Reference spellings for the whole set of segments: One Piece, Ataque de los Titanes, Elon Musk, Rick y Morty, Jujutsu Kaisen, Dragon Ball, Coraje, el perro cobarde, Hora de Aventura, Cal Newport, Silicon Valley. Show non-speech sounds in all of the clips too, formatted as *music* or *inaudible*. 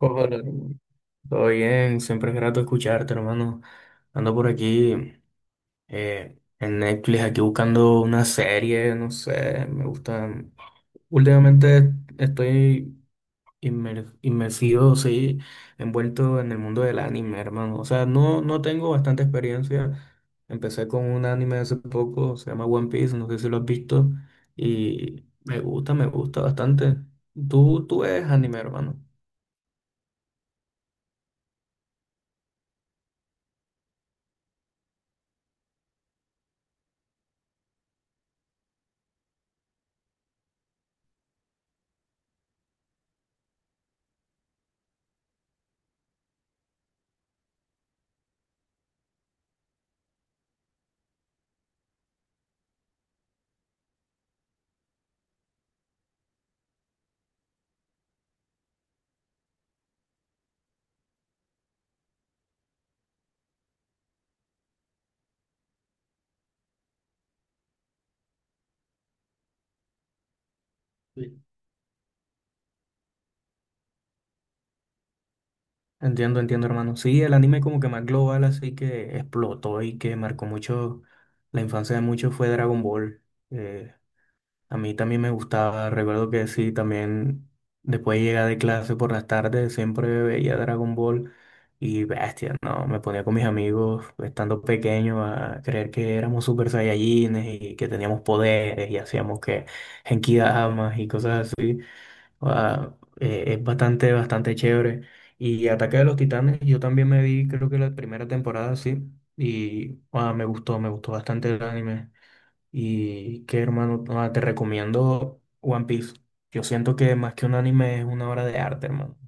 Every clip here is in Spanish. Hola, hermano. Todo bien, siempre es grato escucharte, hermano. Ando por aquí en Netflix, aquí buscando una serie, no sé, me gusta. Últimamente estoy inmersivo, sí, envuelto en el mundo del anime, hermano. O sea, no tengo bastante experiencia. Empecé con un anime hace poco, se llama One Piece, no sé si lo has visto, y me gusta bastante. ¿Tú eres anime, hermano? Entiendo, entiendo, hermano. Sí, el anime como que más global, así que explotó y que marcó mucho la infancia de muchos fue Dragon Ball. Eh, a mí también me gustaba, recuerdo que sí, también después de llegar de clase por las tardes siempre veía Dragon Ball y bestia, ¿no? Me ponía con mis amigos estando pequeño a creer que éramos super saiyajines y que teníamos poderes y hacíamos que Genkidamas y cosas así. Ah, es bastante, bastante chévere. Y Ataque de los Titanes, yo también me vi, creo que la primera temporada, sí. Y ah, me gustó bastante el anime. Y qué hermano, ah, te recomiendo One Piece. Yo siento que más que un anime es una obra de arte, hermano.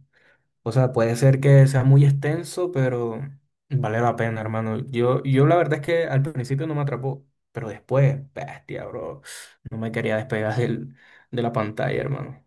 O sea, puede ser que sea muy extenso, pero vale la pena, hermano. Yo la verdad es que al principio no me atrapó, pero después, bestia, bro. No me quería despegar de la pantalla, hermano.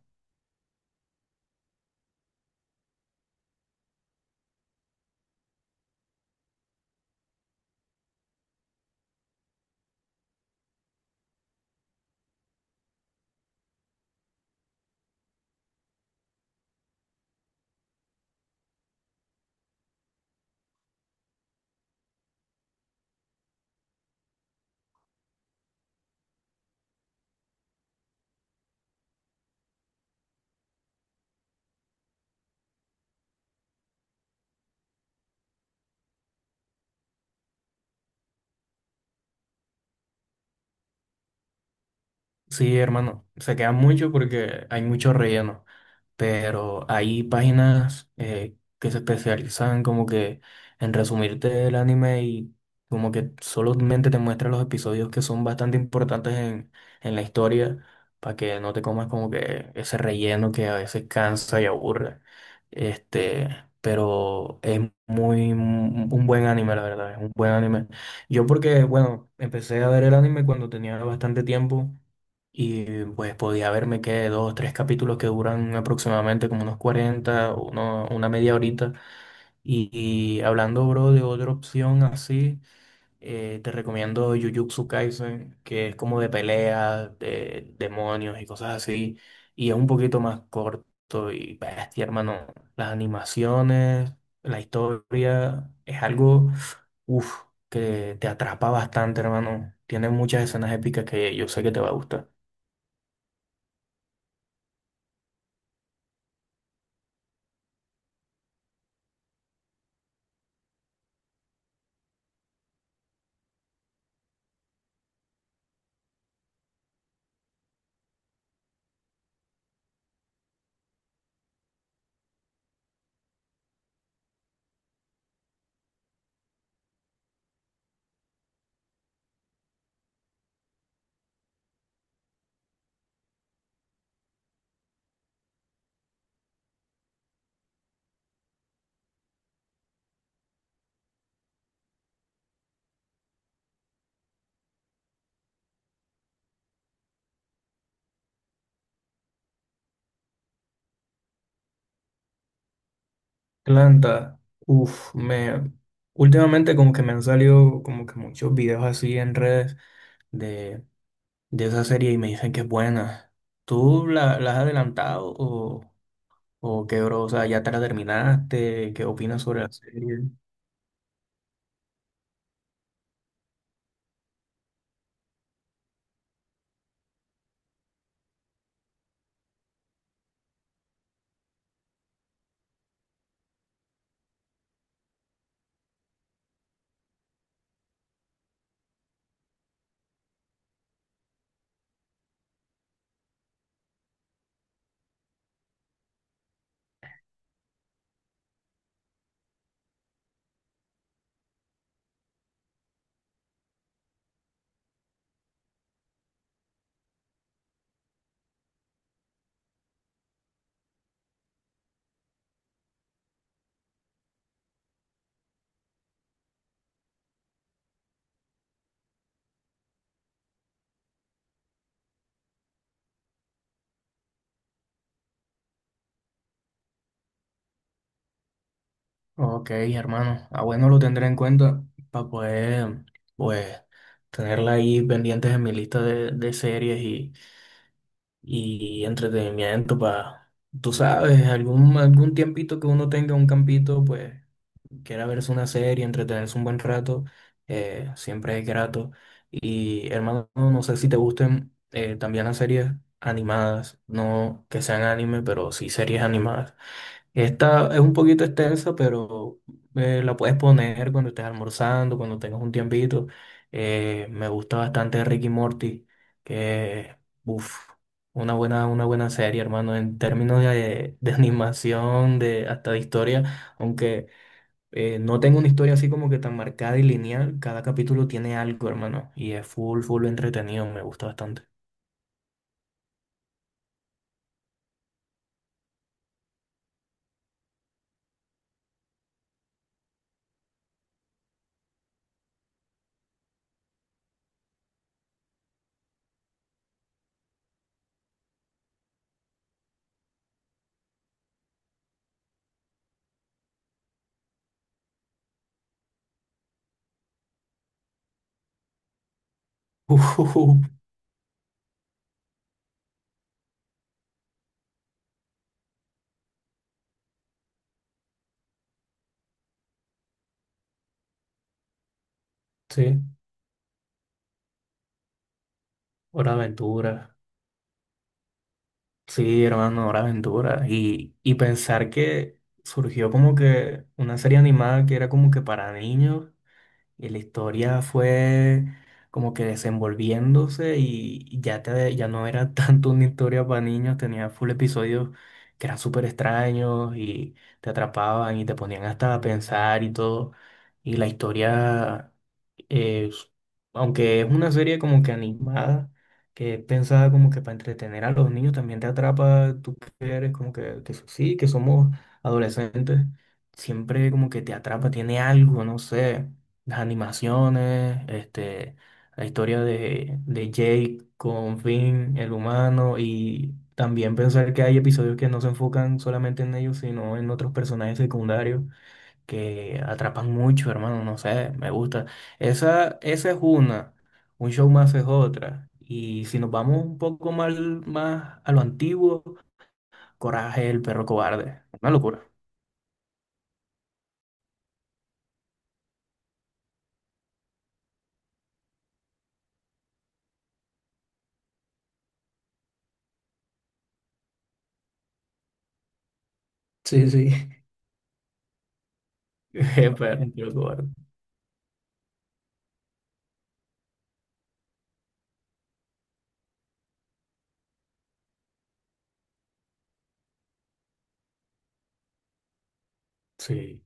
Sí, hermano, se queda mucho porque hay mucho relleno, pero hay páginas que se especializan como que en resumirte el anime y como que solamente te muestran los episodios que son bastante importantes en la historia para que no te comas como que ese relleno que a veces cansa y aburre. Este, pero es muy un buen anime, la verdad, es un buen anime. Yo porque, bueno, empecé a ver el anime cuando tenía bastante tiempo y pues podía verme que dos o tres capítulos que duran aproximadamente como unos 40 una media horita. Y hablando, bro, de otra opción así, te recomiendo Jujutsu Kaisen, que es como de peleas, de demonios y cosas así. Y es un poquito más corto y bestia, hermano. Las animaciones, la historia, es algo, uff, que te atrapa bastante, hermano. Tiene muchas escenas épicas que yo sé que te va a gustar. Planta, uff, me últimamente como que me han salido como que muchos videos así en redes de, de esa serie y me dicen que es buena. ¿Tú la has adelantado o qué, bro? O sea, ¿ya te la terminaste? ¿Qué opinas sobre la serie? Ok, hermano. Ah, bueno, lo tendré en cuenta para poder, pues, tenerla ahí pendientes en mi lista de series y entretenimiento para, tú sabes, algún, algún tiempito que uno tenga un campito, pues quiera verse una serie, entretenerse un buen rato, siempre es grato. Y hermano, no sé si te gusten también las series animadas, no que sean anime, pero sí series animadas. Esta es un poquito extensa, pero la puedes poner cuando estés almorzando, cuando tengas un tiempito. Me gusta bastante Ricky y Morty, que, uff, una buena serie, hermano, en términos de *laughs* animación, de, hasta de historia, aunque no tengo una historia así como que tan marcada y lineal, cada capítulo tiene algo, hermano, y es full, full entretenido, me gusta bastante. *laughs* Sí, Hora de Aventura. Sí, hermano, Hora de Aventura. Y pensar que surgió como que una serie animada que era como que para niños y la historia fue como que desenvolviéndose y ya, ya no era *laughs* tanto una historia para niños, tenía full episodios que eran súper extraños y te atrapaban y te ponían hasta a pensar y todo. Y la historia, es- aunque es una serie como que animada, que es pensada como que para entretener a los niños, también te atrapa, tú que eres como que, sí, que somos adolescentes, siempre como que te atrapa, tiene algo, no sé las animaciones, este, la historia de Jake con Finn, el humano, y también pensar que hay episodios que no se enfocan solamente en ellos, sino en otros personajes secundarios que atrapan mucho, hermano, no sé, me gusta. Esa es una, un show más es otra. Y si nos vamos un poco más, más a lo antiguo, Coraje, el perro cobarde. Una locura. *laughs* Sí, sí. *laughs* El perro cobarde. Sí.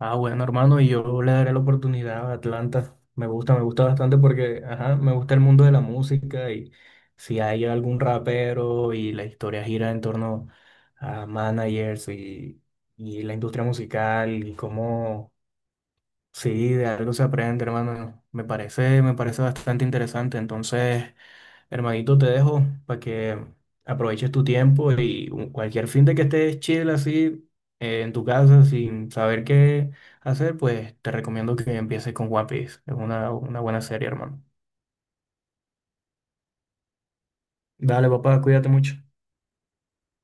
Ah, bueno, hermano, y yo le daré la oportunidad a Atlanta. Me gusta bastante porque, ajá, me gusta el mundo de la música y si hay algún rapero y la historia gira en torno a managers y la industria musical y cómo, sí, de algo se aprende, hermano. Me parece bastante interesante. Entonces, hermanito, te dejo para que aproveches tu tiempo y cualquier fin de que estés chill así en tu casa sin saber qué hacer, pues te recomiendo que empieces con One Piece. Es una buena serie, hermano. Dale, papá, cuídate mucho.